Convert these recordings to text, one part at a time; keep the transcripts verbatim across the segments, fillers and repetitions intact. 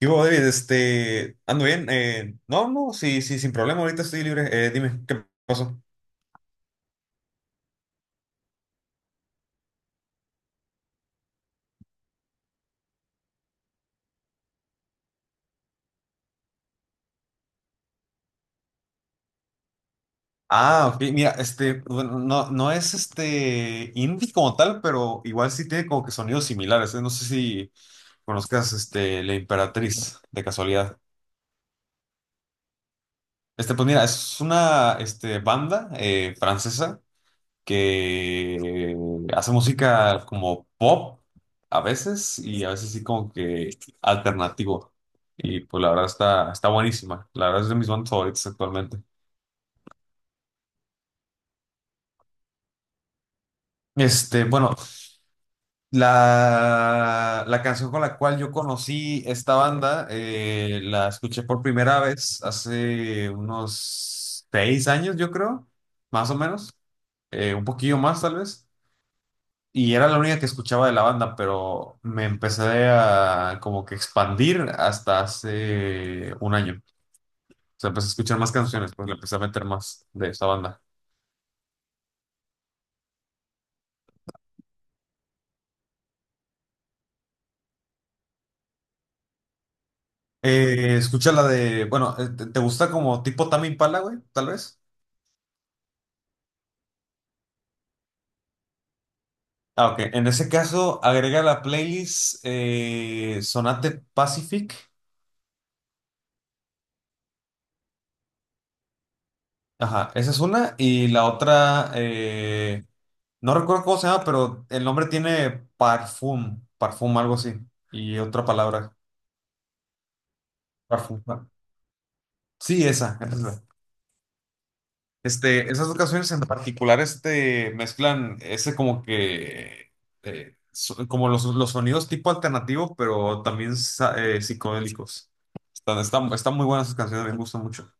Y vos, David, este, ando bien. eh, no, no, sí, sí, sin problema, ahorita estoy libre. Eh, dime, ¿qué pasó? Ah, ok, mira, este, bueno, no, no es este indie como tal, pero igual sí tiene como que sonidos similares. eh, No sé si conozcas este La Imperatriz de casualidad. Este, pues mira, es una este, banda eh, francesa que hace música como pop a veces, y a veces sí como que alternativo. Y pues la verdad está, está buenísima. La verdad es de mis bandas favoritas actualmente. Este, bueno, la, la canción con la cual yo conocí esta banda, eh, la escuché por primera vez hace unos seis años, yo creo, más o menos, eh, un poquillo más tal vez. Y era la única que escuchaba de la banda, pero me empecé a como que expandir hasta hace un año. O sea, empecé a escuchar más canciones, pues le empecé a meter más de esa banda. Eh, escucha la de, bueno, eh, ¿te te gusta como tipo Tame Impala, güey? Tal vez. Ah, ok. En ese caso, agrega la playlist eh, Sonate Pacific. Ajá, esa es una. Y la otra, eh, no recuerdo cómo se llama, pero el nombre tiene Parfum, Parfum, algo así. Y otra palabra. Garfield, ¿no? Sí, esa, esa. Este, esas dos canciones en particular, este, mezclan ese como que, eh, so- como los, los sonidos tipo alternativo, pero también sa- eh, psicodélicos. Están, están, están muy buenas esas canciones, me gustan mucho.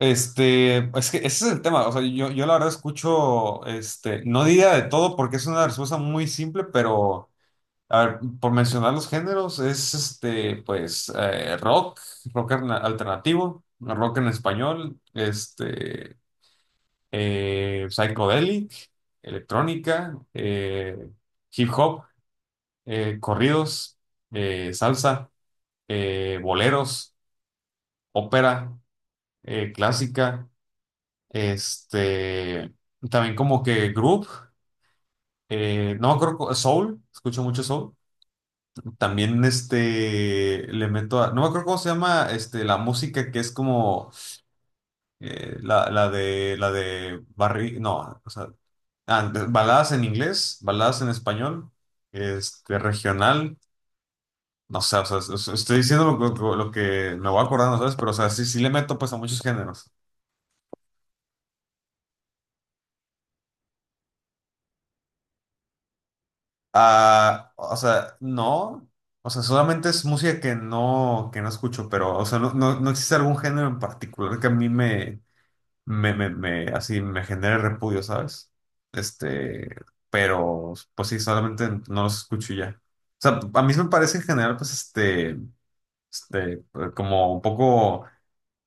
Este, es que ese es el tema. O sea, yo, yo la verdad escucho, este, no diría de todo porque es una respuesta muy simple, pero... A ver, por mencionar los géneros, es este, pues, eh, rock, rock arna- alternativo, rock en español, este, eh, psychedelic, electrónica, eh, hip hop, eh, corridos, eh, salsa, eh, boleros, ópera, eh, clásica, este, también como que group, eh, no me acuerdo, cu- soul, escucho mucho soul. También este le meto a... No me acuerdo cómo se llama este, la música que es como eh, la, la de la de barri. No, o sea. Ah, de- baladas en inglés, baladas en español, este, regional. No sé, o sea, es- es- estoy diciendo lo, lo- lo que me voy acordando, ¿sabes? Pero, o sea, sí, sí le meto pues a muchos géneros. Ah, o sea, no. O sea, solamente es música que no, que no escucho, pero, o sea, no, no, no existe algún género en particular que a mí me, me, me, me así me genere repudio, ¿sabes? Este, pero pues sí, solamente no los escucho y ya. O sea, a mí sí me parece en general, pues este, este, pues como un poco,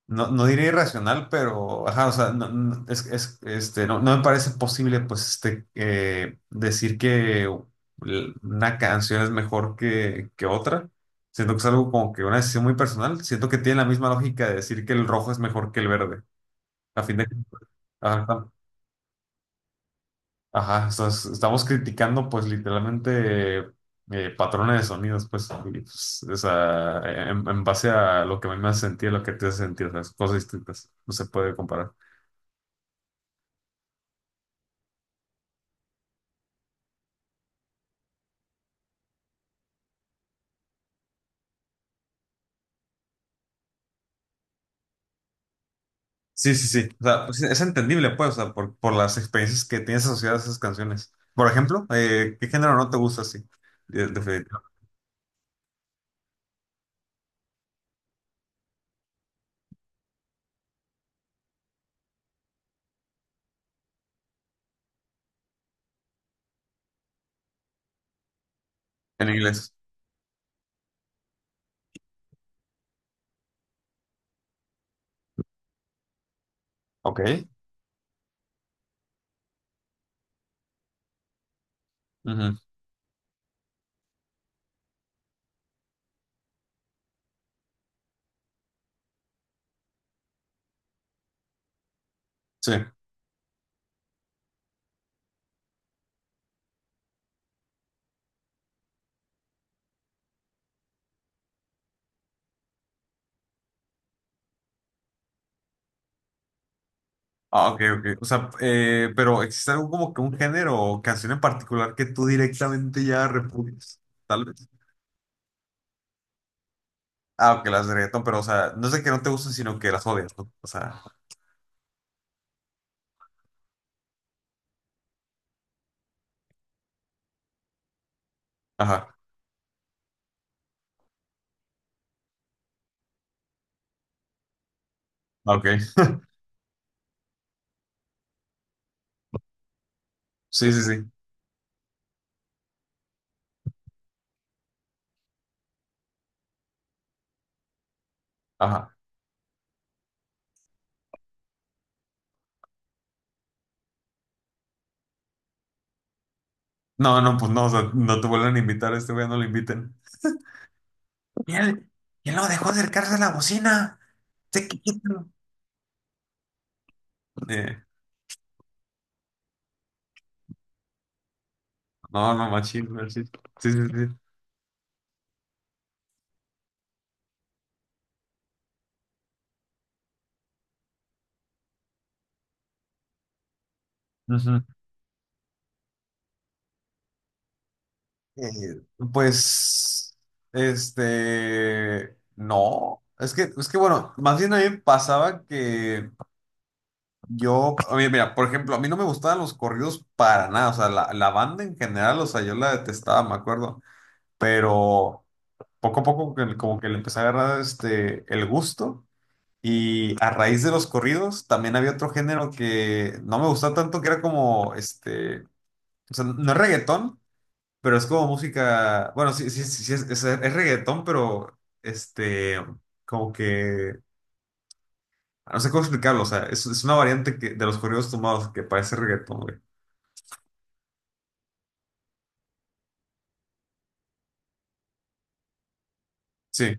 no, no diré irracional, pero, ajá, o sea, no, no- es, es, este, no, no me parece posible, pues este, eh, decir que una canción es mejor que, que otra. Siento que es algo como que una decisión muy personal. Siento que tiene la misma lógica de decir que el rojo es mejor que el verde. A fin de, ajá. Ajá, o sea, es- estamos criticando pues literalmente eh, patrones de sonidos, pues, y, pues, o sea, e, en, en base a lo que a mí me hace sentir, lo que te hace sentir. O sea, son cosas distintas, no se puede comparar. Sí, sí, sí, o sea, pues, es entendible pues, o sea, por, por las experiencias que tienes asociadas a esas canciones. Por ejemplo, eh, ¿qué género no te gusta así? De- definitivo. En inglés. Ok. Ujú. Sí. Ah, ok, ok. O sea, eh, pero ¿existe algo como que un género o canción en particular que tú directamente ya repudies? Tal vez. Ah, ok, las de reggaetón, pero, o sea, no es de que no te gusten, sino que las odias, ¿no? O sea, ajá, ah, ok. Sí, sí, sí, ajá. No, no, pues no, o sea, no te vuelven a invitar, a este güey no lo inviten. Y él, y él no dejó acercarse a la bocina. Se quitó. Eh, no, no, machín, machín. Sí, sí, sí. Ujú. Eh, pues, este, no. Es que, es que bueno, más bien a mí me pasaba que... Yo, a mí, mira, por ejemplo, a mí no me gustaban los corridos para nada. O sea, la, la banda en general, o sea, yo la detestaba, me acuerdo, pero poco a poco que- como que le empecé a agarrar este, el gusto. Y a raíz de los corridos también había otro género que no me gustaba tanto, que era como, este, o sea, no es reggaetón, pero es como música, bueno, sí, sí, sí, sí, es, es, es reggaetón, pero este, como que, no sé cómo explicarlo. O sea, es, es una variante que, de los corridos tomados que parece reggaetón, güey. Sí,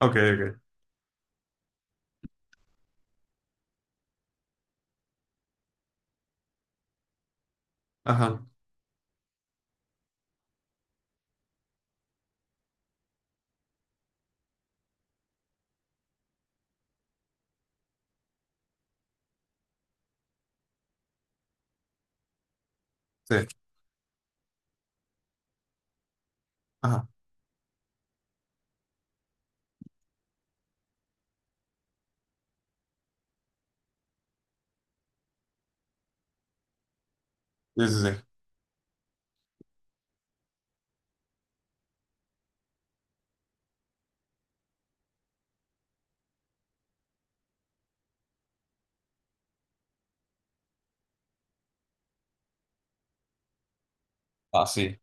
ok, ok. Ajá, sí, ajá. Sí, sí, sí. Ah, sí,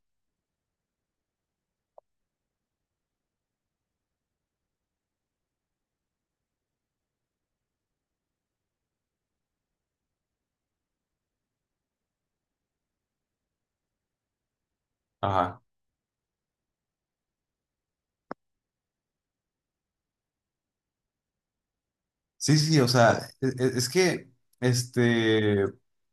ajá. Sí, sí, o sea, e- e- es, que, este,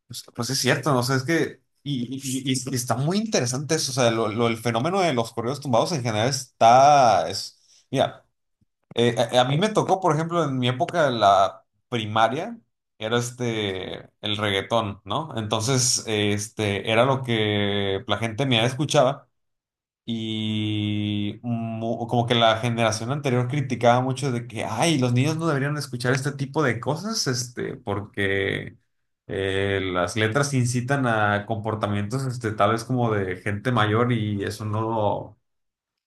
pues, pues es cierto, ¿no? O sea, es que, y, y- y- y está muy interesante eso. O sea, lo, lo- el fenómeno de los correos tumbados en general está, es, mira, eh, a, a mí me tocó, por ejemplo, en mi época de la primaria, era este, el reggaetón, ¿no? Entonces, este, era lo que la gente me escuchaba. Y mu- como que la generación anterior criticaba mucho de que, ay, los niños no deberían escuchar este tipo de cosas, este, porque eh, las letras incitan a comportamientos, este, tal vez como de gente mayor, y eso no,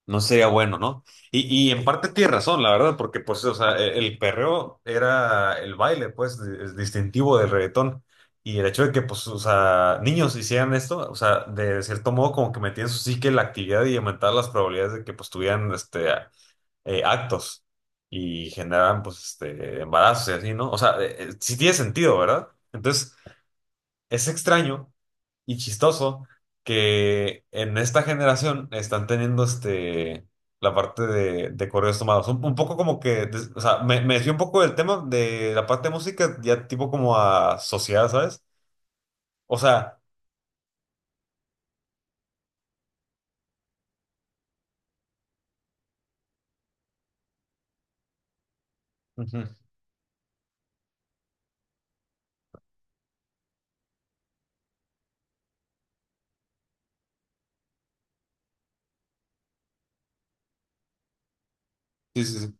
no sería bueno, ¿no? Y, y en parte tiene razón, la verdad, porque pues, o sea, e- el perreo era el baile, pues, di- es distintivo del reggaetón. Y el hecho de que, pues, o sea, niños hicieran esto, o sea, de cierto modo como que metían su psique en la actividad y aumentaba las probabilidades de que, pues, tuvieran, este, a- eh, actos, y generaban, pues, este, embarazos y así, ¿no? O sea, eh, eh, sí tiene sentido, ¿verdad? Entonces, es extraño y chistoso que en esta generación están teniendo este, la parte de, de correos tomados. Un, un poco como que, des- o sea, me, me desvié un poco del tema de la parte de música, ya tipo como a sociedad, ¿sabes? O sea, ujú. Sí, sí, sí.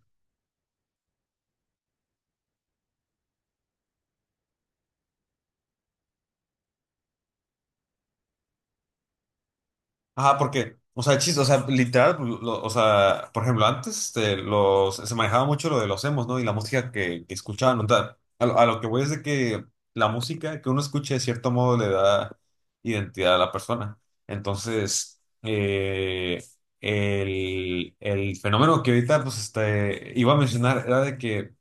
Ajá, porque, o sea, chiste, o sea, literal, pues, lo- o sea, por ejemplo, antes este, los, se manejaba mucho lo de los emos, ¿no? Y la música que, que escuchaban, o sea, a, lo a lo que voy es de que la música que uno escuche de cierto modo le da identidad a la persona. Entonces, eh, el, el fenómeno que ahorita, pues, este, iba a mencionar era de que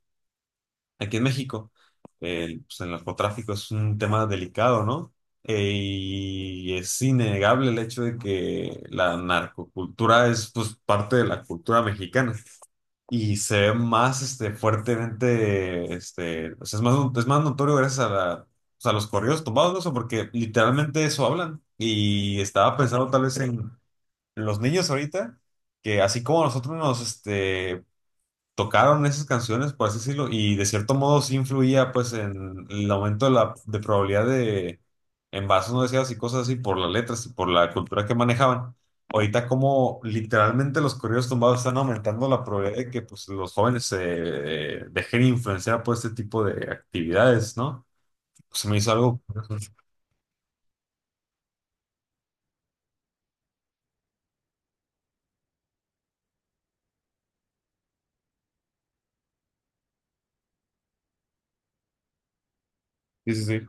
aquí en México, el, pues, el narcotráfico es un tema delicado, ¿no? Eh, y es innegable el hecho de que la narcocultura es pues parte de la cultura mexicana, y se ve más este, fuertemente, este, o sea, es más, es más notorio gracias a, la- pues, a los corridos tumbados, ¿no? O sea, porque literalmente eso hablan. Y estaba pensando tal vez en los niños ahorita, que así como nosotros nos, este, tocaron esas canciones, por así decirlo, y de cierto modo sí influía pues en el aumento de la de probabilidad de embarazos no deseados y cosas así por las letras y por la cultura que manejaban. Ahorita como literalmente los corridos tumbados están aumentando la probabilidad de que pues los jóvenes se eh, dejen influenciar por este tipo de actividades, ¿no? Pues se me hizo algo. Sí, sí, sí.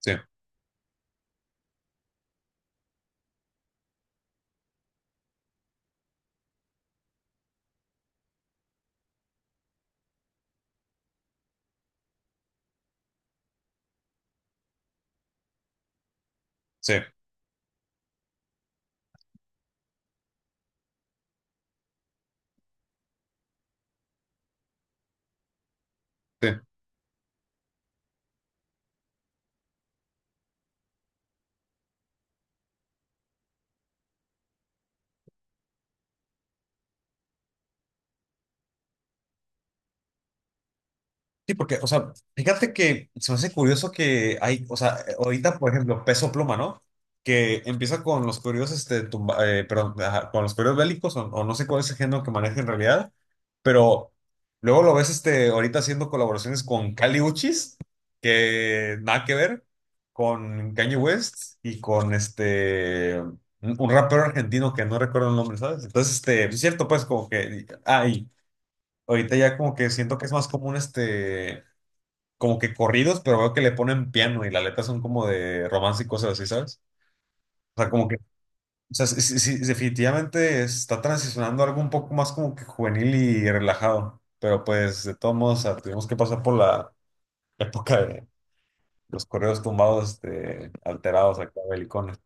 Sí, sí, sí. Sí, porque, o sea, fíjate que se me hace curioso que hay, o sea, ahorita, por ejemplo, Peso Pluma, ¿no? Que empieza con los corridos, este, tumba- eh, perdón, ajá, con los corridos bélicos, o, o no sé cuál es el género que maneja en realidad, pero luego lo ves, este, ahorita haciendo colaboraciones con Kali Uchis, que nada que ver, con Kanye West, y con, este, un, un rapero argentino que no recuerdo el nombre, ¿sabes? Entonces, este, sí es cierto, pues, como que, ah, y ahorita ya como que siento que es más común, este como que corridos, pero veo que le ponen piano y la letra son como de romance y cosas así, ¿sabes? O sea, como que, o sea, sí, sí- sí, definitivamente está transicionando a algo un poco más como que juvenil y relajado, pero pues de todos modos, o sea, tuvimos que pasar por la época de los correos tumbados, este, alterados acá, belicones.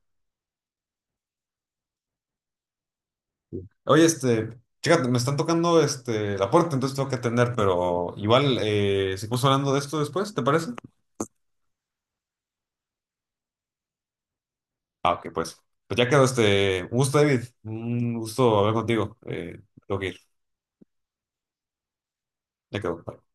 Sí. Oye, este, chécate, me están tocando este, la puerta, entonces tengo que atender, pero igual, eh, seguimos hablando de esto después, ¿te parece? Ah, ok, pues. Pues ya quedó este. Un gusto, David. Un gusto hablar contigo. Eh, tengo que ir. Ya quedó. Bye.